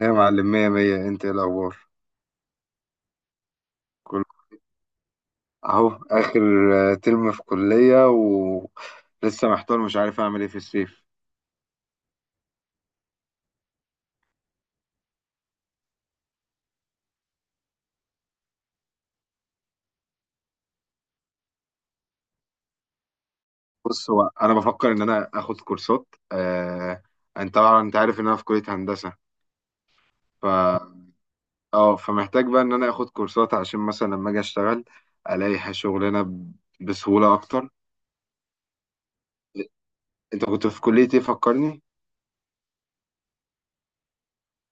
يا معلم مية مية، انت ايه الاخبار؟ كله اهو اخر ترم في كلية ولسه محتار مش عارف اعمل ايه في الصيف. بص، هو انا بفكر ان انا اخد كورسات. آه، انت طبعا انت عارف ان انا في كلية هندسة. ف اه فمحتاج بقى ان انا اخد كورسات عشان مثلا لما اجي اشتغل الاقي شغلانة بسهولة اكتر. انت كنت في كلية ايه؟ فكرني.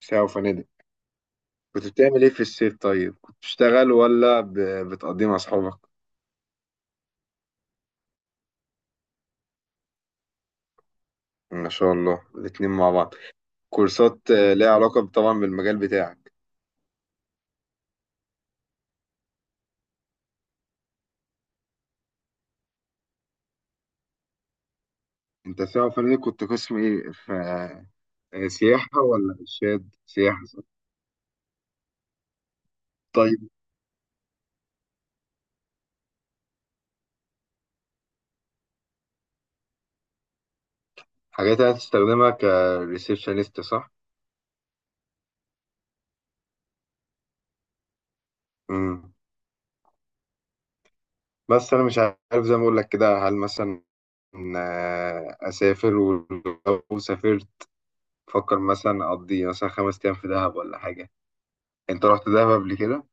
ساعة وفنادق؟ كنت بتعمل ايه في الصيف؟ طيب كنت بتشتغل ولا بتقضيه مع اصحابك؟ ما شاء الله، الاتنين مع بعض. كورسات، ليها علاقة طبعا بالمجال بتاعك. انت سواء فني كنت قسم ايه؟ ف سياحة ولا ارشاد؟ سياحة صح؟ طيب. حاجات هتستخدمها كريسبشنست، صح؟ مم. بس انا مش عارف، زي ما اقول لك كده، هل مثلا اسافر؟ ولو سافرت فكر مثلا اقضي مثلا خمس ايام في دهب ولا حاجة. انت رحت دهب قبل كده؟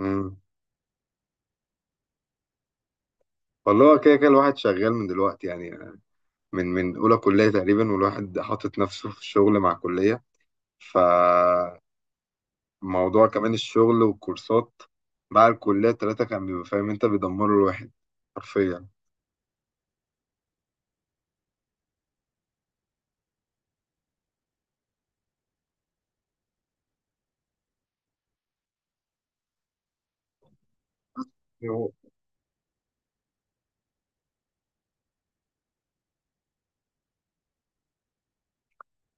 مم. والله هو كده كده الواحد شغال من دلوقتي يعني، من اولى كلية تقريبا، والواحد حاطط نفسه في الشغل مع كلية. فموضوع كمان الشغل والكورسات بعد الكلية التلاتة، كان بيبقى فاهم انت، بيدمروا الواحد حرفيا. يو-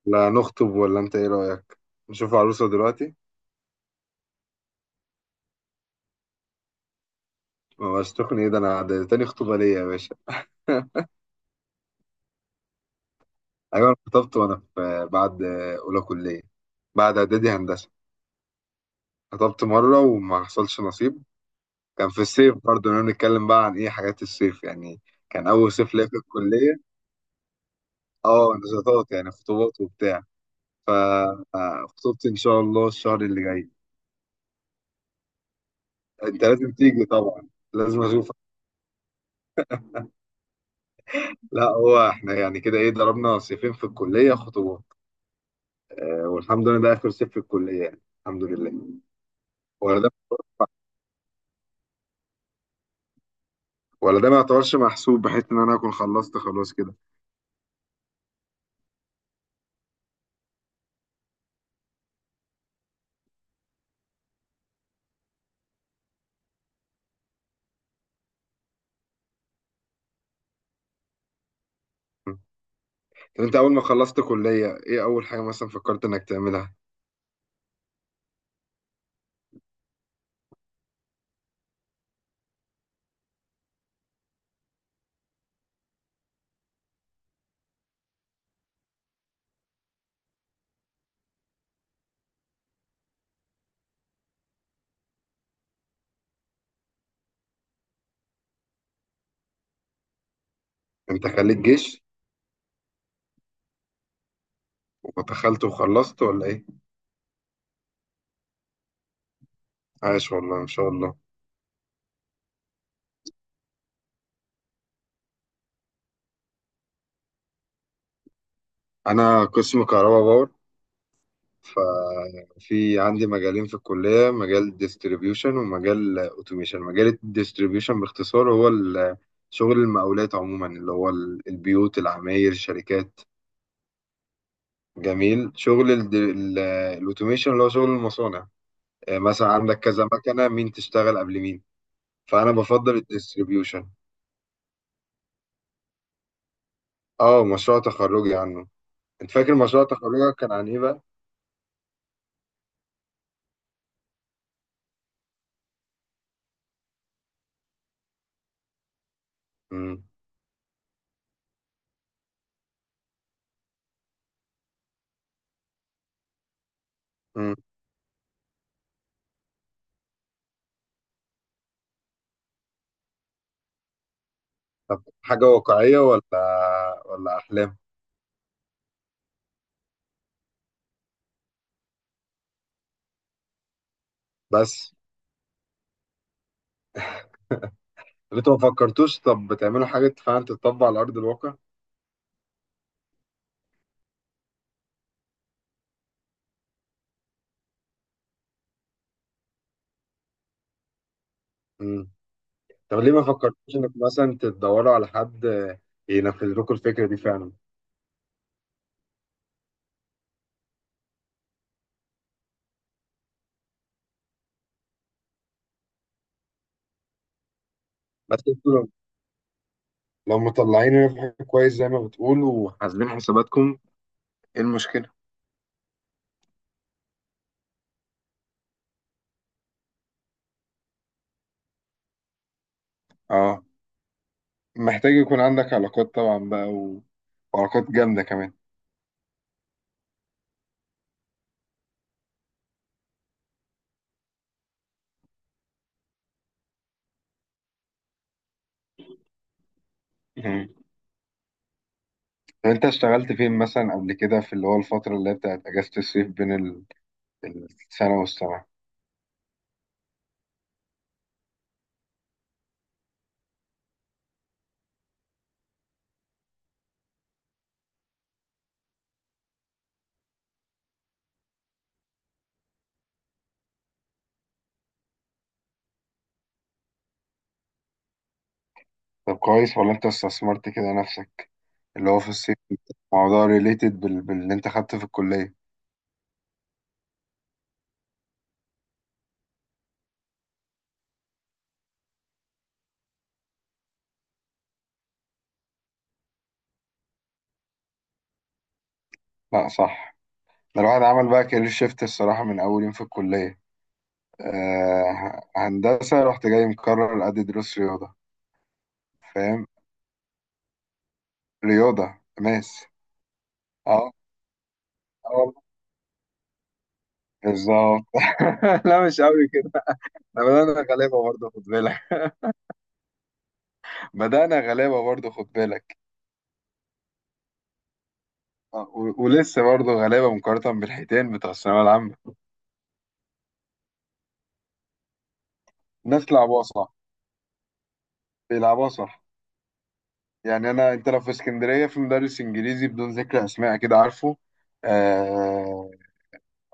لا نخطب ولا؟ انت ايه رأيك، نشوف عروسة دلوقتي؟ ما بقاش تخني، ايه ده؟ انا ده تاني خطوبة ليا يا باشا. ايوه، انا خطبت وانا في بعد اولى كلية، بعد اعدادي هندسة. خطبت مرة وما حصلش نصيب. كان في الصيف برضه. انا بنتكلم بقى عن ايه؟ حاجات الصيف يعني. كان اول صيف ليا في الكلية. اه، نشاطات يعني، خطوبات وبتاع. فخطوبتي ان شاء الله الشهر اللي جاي. انت لازم تيجي طبعا، لازم اشوفك. لا هو احنا يعني كده ايه، ضربنا صيفين في الكليه خطوبه. آه، والحمد لله ده اخر صيف في الكليه يعني. الحمد لله. ولا ده، ولا ده ما يعتبرش محسوب، بحيث ان انا اكون خلصت خلاص كده. مم. طب انت اول ما خلصت كليه ايه اول حاجه مثلا فكرت انك تعملها؟ انت خليت جيش ودخلت وخلصت ولا ايه؟ عاش والله، ان شاء الله. انا قسم كهرباء باور. ففي عندي مجالين في الكلية، مجال ديستريبيوشن ومجال اوتوميشن. مجال الديستريبيوشن باختصار هو شغل المقاولات عموما، اللي هو البيوت العماير الشركات. جميل. شغل الاوتوميشن اللي هو شغل المصانع. آه، مثلا عندك كذا مكنة، مين تشتغل قبل مين. فأنا بفضل الديستريبيوشن. اه، مشروع تخرجي عنه. انت فاكر مشروع تخرجك كان عن ايه بقى؟ مم. مم. طب حاجة واقعية ولا ولا أحلام؟ بس انتوا ما فكرتوش طب بتعملوا حاجة فعلا تتطبق على أرض الواقع؟ مم. طب ليه ما فكرتوش إنك مثلا تدوروا على حد ينفذ لكم الفكرة دي فعلا؟ بس انتوا لو مطلعين ربح كويس زي ما بتقولوا وحاسبين حساباتكم، إيه المشكلة؟ اه، محتاج يكون عندك علاقات طبعا بقى، و... وعلاقات جامدة كمان. مم. طب انت اشتغلت فين مثلا قبل كده، في اللي هو الفترة اللي هي بتاعت أجازة الصيف بين السنة والسنة؟ طب كويس، ولا انت استثمرت كده نفسك اللي هو في الصيف؟ موضوع ريليتد بال... باللي انت خدته في الكلية. لا صح. ده الواحد عمل بقى كارير شيفت الصراحة من أول يوم في الكلية. آه... هندسة، رحت جاي مكرر أدي دروس رياضة. فاهم؟ رياضة، ماس. اه. اه والله. بالظبط. لا مش قوي كده، احنا بدأنا غلابة برضه خد بالك. بدأنا غلابة برضه خد بالك. آه، و... ولسه برضه غلابة مقارنة بالحيتان بتوع الثانوية العامة. ناس لعبوها صح، بيلعبوها صح. يعني انا، انت لو في اسكندريه في مدرس انجليزي بدون ذكر اسماء كده عارفه، آه،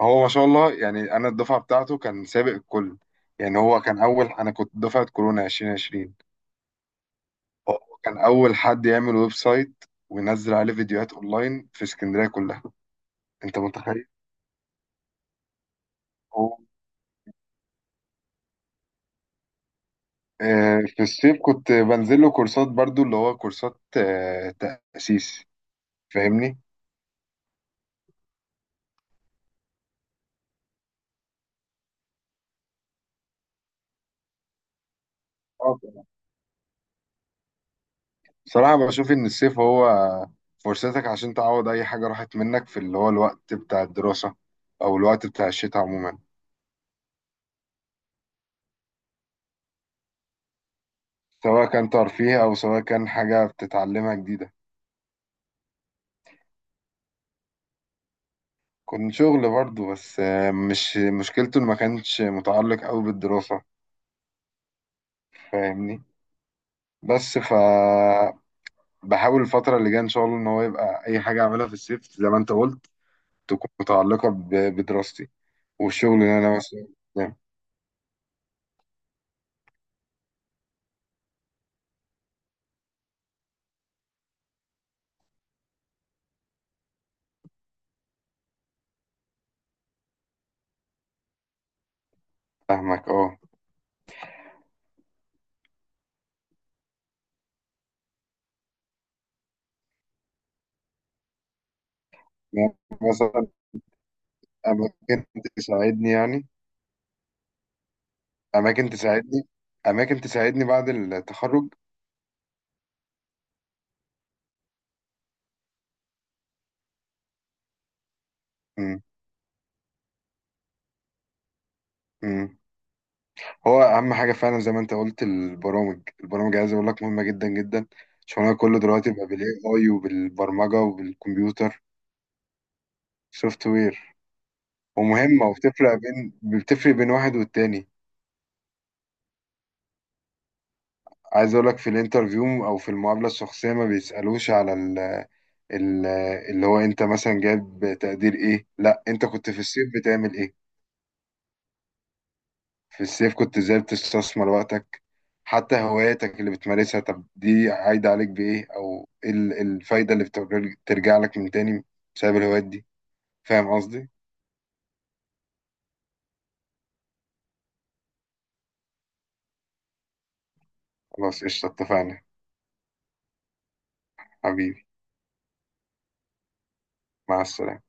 هو ما شاء الله، يعني انا الدفعه بتاعته كان سابق الكل. يعني هو كان اول، انا كنت دفعه كورونا 2020، هو كان اول حد يعمل ويب سايت وينزل عليه فيديوهات اونلاين في اسكندريه كلها. انت متخيل؟ هو آه، في الصيف كنت بنزل له كورسات برضو، اللي هو كورسات آه تاسيس. فاهمني؟ بصراحة بشوف إن الصيف هو فرصتك عشان تعوض أي حاجة راحت منك في اللي هو الوقت بتاع الدراسة، أو الوقت بتاع الشتاء عموما. سواء كان ترفيه، أو سواء كان حاجة بتتعلمها جديدة. كنت شغل برضه بس مش مشكلته إن ما كانش متعلق أوي بالدراسة. فاهمني؟ بس ف بحاول الفترة اللي جاية إن شاء الله إن هو يبقى أي حاجة أعملها في الصيف، زي ما أنت قلت، تكون متعلقة بدراستي والشغل اللي أنا مثلا. فاهمك. أه، يعني مثلا أماكن تساعدني يعني، أماكن تساعدني، أماكن تساعدني بعد التخرج. مم. مم. هو أهم حاجة فعلا زي ما أنت قلت البرامج. البرامج عايز أقول لك مهمة جدا جدا. شغلنا كله دلوقتي بقى بال AI وبالبرمجة وبالكمبيوتر. سوفت وير. ومهمة، وبتفرق بين، بتفرق بين واحد والتاني. عايز أقول لك في الانترفيو أو في المقابلة الشخصية، ما بيسألوش على ال- اللي هو أنت مثلا جايب تقدير إيه، لا أنت كنت في الصيف بتعمل إيه. في الصيف كنت ازاي بتستثمر وقتك، حتى هواياتك اللي بتمارسها. طب دي عايدة عليك بإيه، أو إيه إيه الفايدة اللي بترجع لك من تاني بسبب الهوايات دي. فاهم قصدي؟ خلاص قشطة، اتفقنا. حبيبي مع السلامة.